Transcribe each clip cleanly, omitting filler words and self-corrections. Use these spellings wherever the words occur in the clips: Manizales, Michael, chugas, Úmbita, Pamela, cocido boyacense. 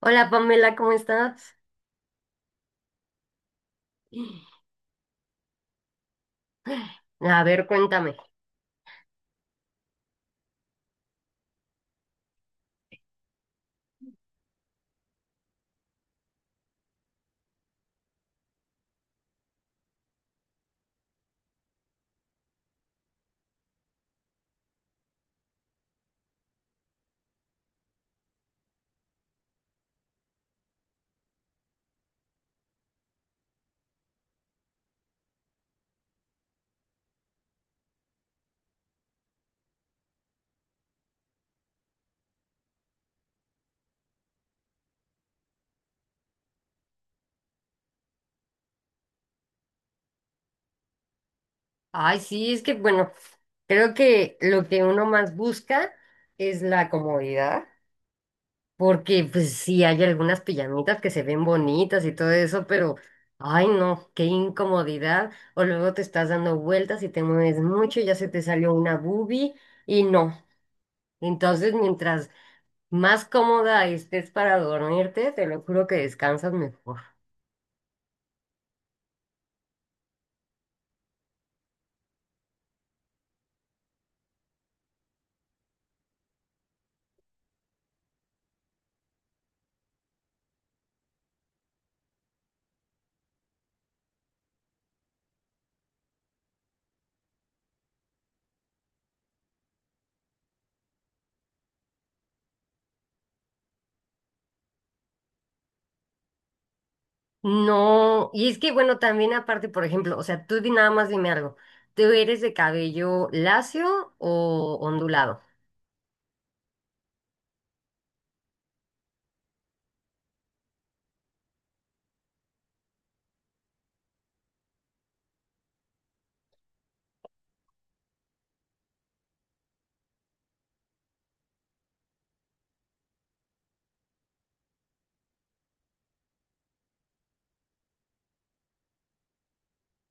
Hola, Pamela, ¿cómo estás? A ver, cuéntame. Ay, sí, es que bueno, creo que lo que uno más busca es la comodidad, porque pues sí hay algunas pijamitas que se ven bonitas y todo eso, pero ay no, qué incomodidad. O luego te estás dando vueltas y te mueves mucho, ya se te salió una boobie y no. Entonces, mientras más cómoda estés para dormirte, te lo juro que descansas mejor. No, y es que bueno, también aparte, por ejemplo, o sea, nada más dime algo. ¿Tú eres de cabello lacio o ondulado?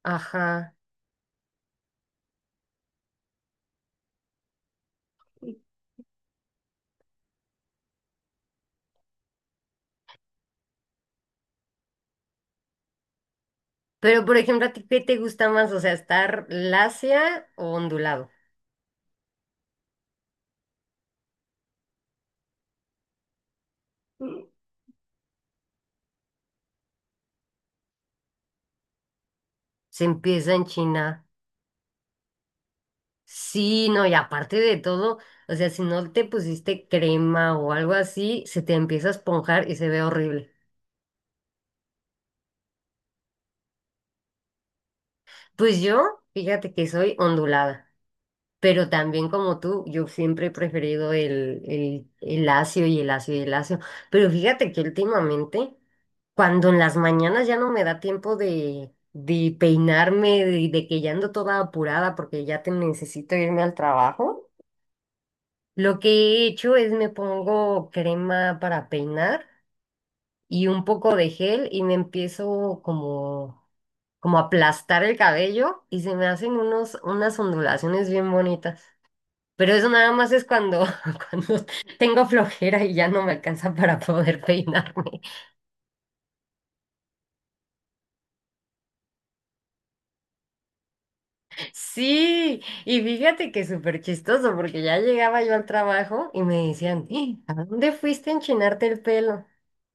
Ajá. Pero por ejemplo, ¿a ti qué te gusta más? O sea, ¿estar lacia o ondulado? Mm. Se empieza en China. Sí, no, y aparte de todo, o sea, si no te pusiste crema o algo así, se te empieza a esponjar y se ve horrible. Pues yo, fíjate que soy ondulada. Pero también como tú, yo siempre he preferido el lacio y el lacio y el lacio. Pero fíjate que últimamente, cuando en las mañanas ya no me da tiempo de peinarme, de que ya ando toda apurada porque ya te necesito irme al trabajo, lo que he hecho es me pongo crema para peinar y un poco de gel y me empiezo como, como a aplastar el cabello y se me hacen unos, unas ondulaciones bien bonitas. Pero eso nada más es cuando, cuando tengo flojera y ya no me alcanza para poder peinarme. Sí, y fíjate que es súper chistoso porque ya llegaba yo al trabajo y me decían, "Ih, ¿a dónde fuiste a enchinarte el pelo?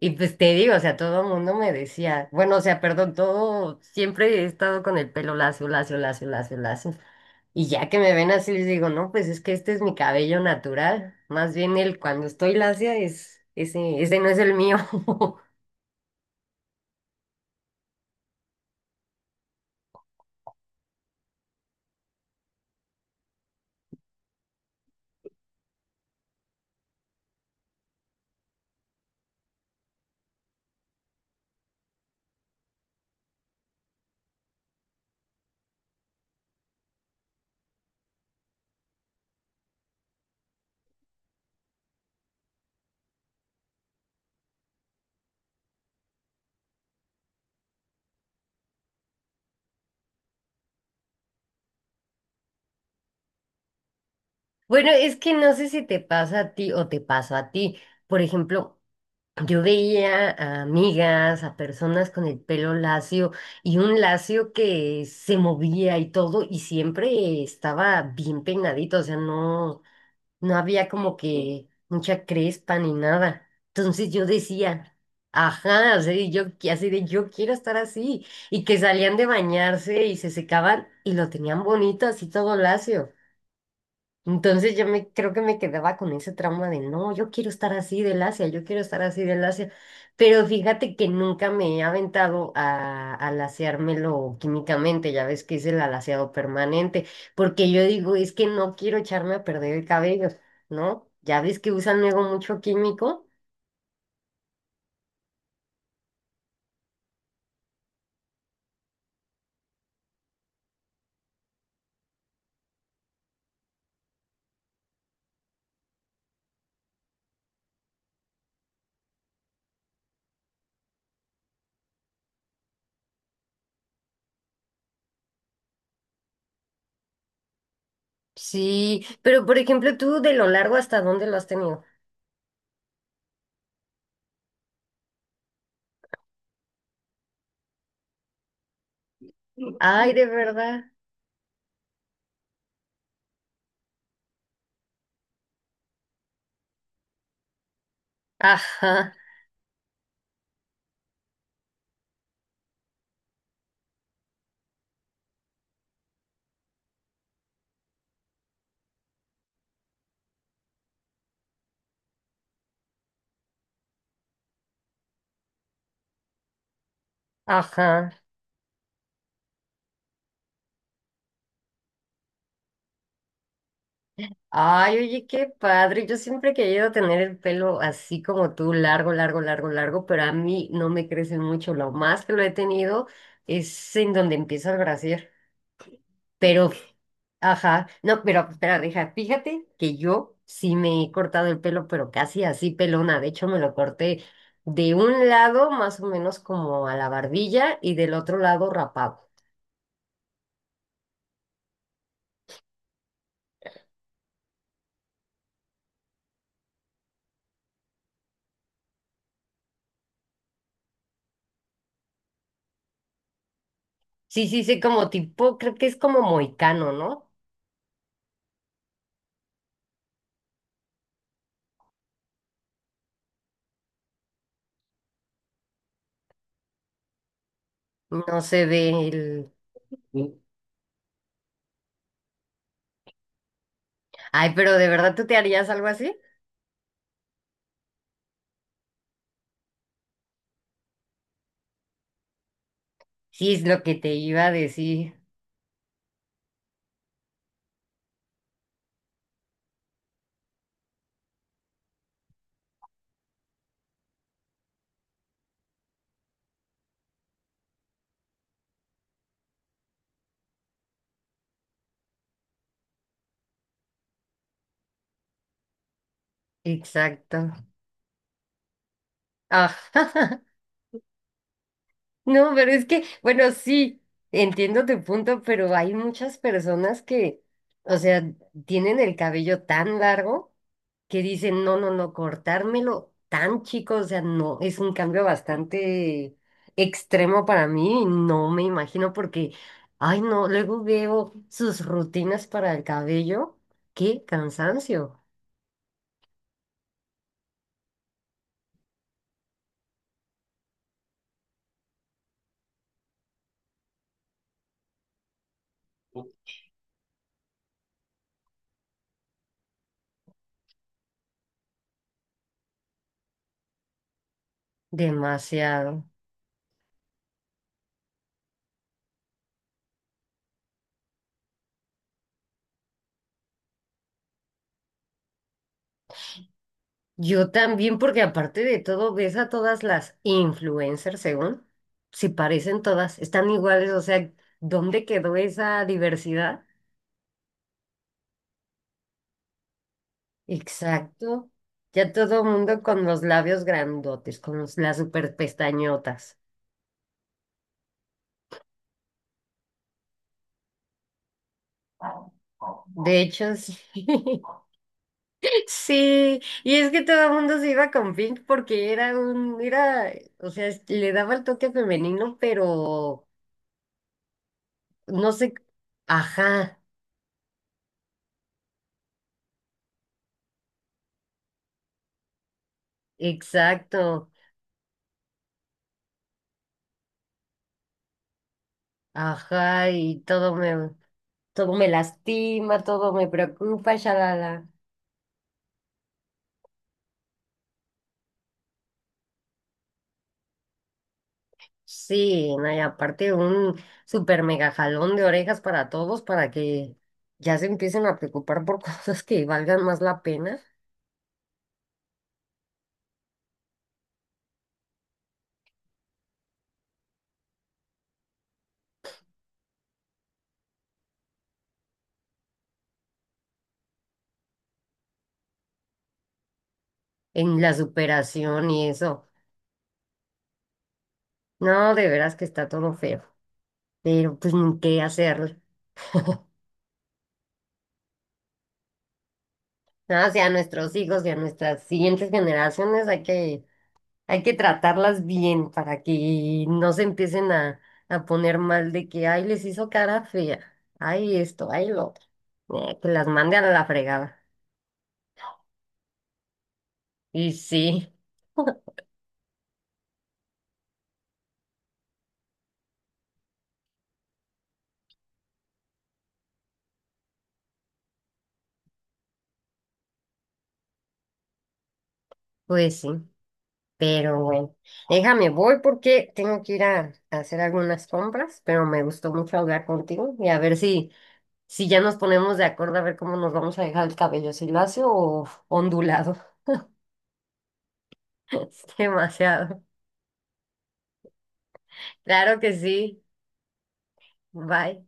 Y pues te digo, o sea, todo el mundo me decía, bueno, o sea, perdón, todo, siempre he estado con el pelo lacio, lacio, lacio, lacio, lacio. Y ya que me ven así, les digo, no, pues es que este es mi cabello natural. Más bien el cuando estoy lacia es, ese no es el mío. Bueno, es que no sé si te pasa a ti o te pasó a ti. Por ejemplo, yo veía a amigas, a personas con el pelo lacio y un lacio que se movía y todo y siempre estaba bien peinadito, o sea, no, no había como que mucha crespa ni nada. Entonces yo decía, ajá, o sea, y así de yo quiero estar así y que salían de bañarse y se secaban y lo tenían bonito así todo lacio. Entonces yo me creo que me quedaba con ese trauma de no, yo quiero estar así del Asia, yo quiero estar así del Asia. Pero fíjate que nunca me he aventado a laseármelo químicamente, ya ves que es el alaciado permanente, porque yo digo, es que no quiero echarme a perder el cabello, ¿no? Ya ves que usan luego mucho químico. Sí, pero por ejemplo, tú de lo largo hasta dónde lo has tenido. Ay, de verdad. Ajá, ajá. Ay, oye, qué padre. Yo siempre he querido tener el pelo así como tú, largo, largo, largo, largo, pero a mí no me crece mucho. Lo más que lo he tenido es en donde empieza el brasier. Pero, ajá, no, pero espera, deja, fíjate que yo sí me he cortado el pelo, pero casi así pelona. De hecho, me lo corté de un lado más o menos como a la barbilla y del otro lado rapado. Sí, sí, sí, como tipo, creo que es como moicano, ¿no? No se ve el... Ay, pero ¿de verdad tú te harías algo así? Sí, es lo que te iba a decir. Exacto. Ah, No, pero es que, bueno, sí, entiendo tu punto, pero hay muchas personas que, o sea, tienen el cabello tan largo que dicen, no, no, no, cortármelo tan chico, o sea, no, es un cambio bastante extremo para mí, y no me imagino porque, ay, no, luego veo sus rutinas para el cabello, qué cansancio. Demasiado. Yo también, porque aparte de todo, ves a todas las influencers, según, si parecen todas, están iguales, o sea, ¿dónde quedó esa diversidad? Exacto. Ya todo mundo con los labios grandotes, con las super pestañotas. De hecho, sí. Sí, y es que todo el mundo se iba con Pink porque era un, era, o sea, le daba el toque femenino, pero no sé, ajá. Exacto, ajá, y todo me lastima, todo me preocupa, shalala. Sí, no, y aparte un super mega jalón de orejas para todos para que ya se empiecen a preocupar por cosas que valgan más la pena en la superación y eso. No, de veras que está todo feo, pero pues ni qué hacer. No, o sea, nuestros hijos y a nuestras siguientes generaciones hay que hay que tratarlas bien para que no se empiecen a poner mal de que, ay, les hizo cara fea, ay, esto, ay, lo otro. Que las mande a la fregada. Y sí, pues sí, pero bueno, déjame, voy porque tengo que ir a hacer algunas compras, pero me gustó mucho hablar contigo y a ver si, si ya nos ponemos de acuerdo a ver cómo nos vamos a dejar el cabello, si lacio o ondulado. Es demasiado. Claro que sí, bye.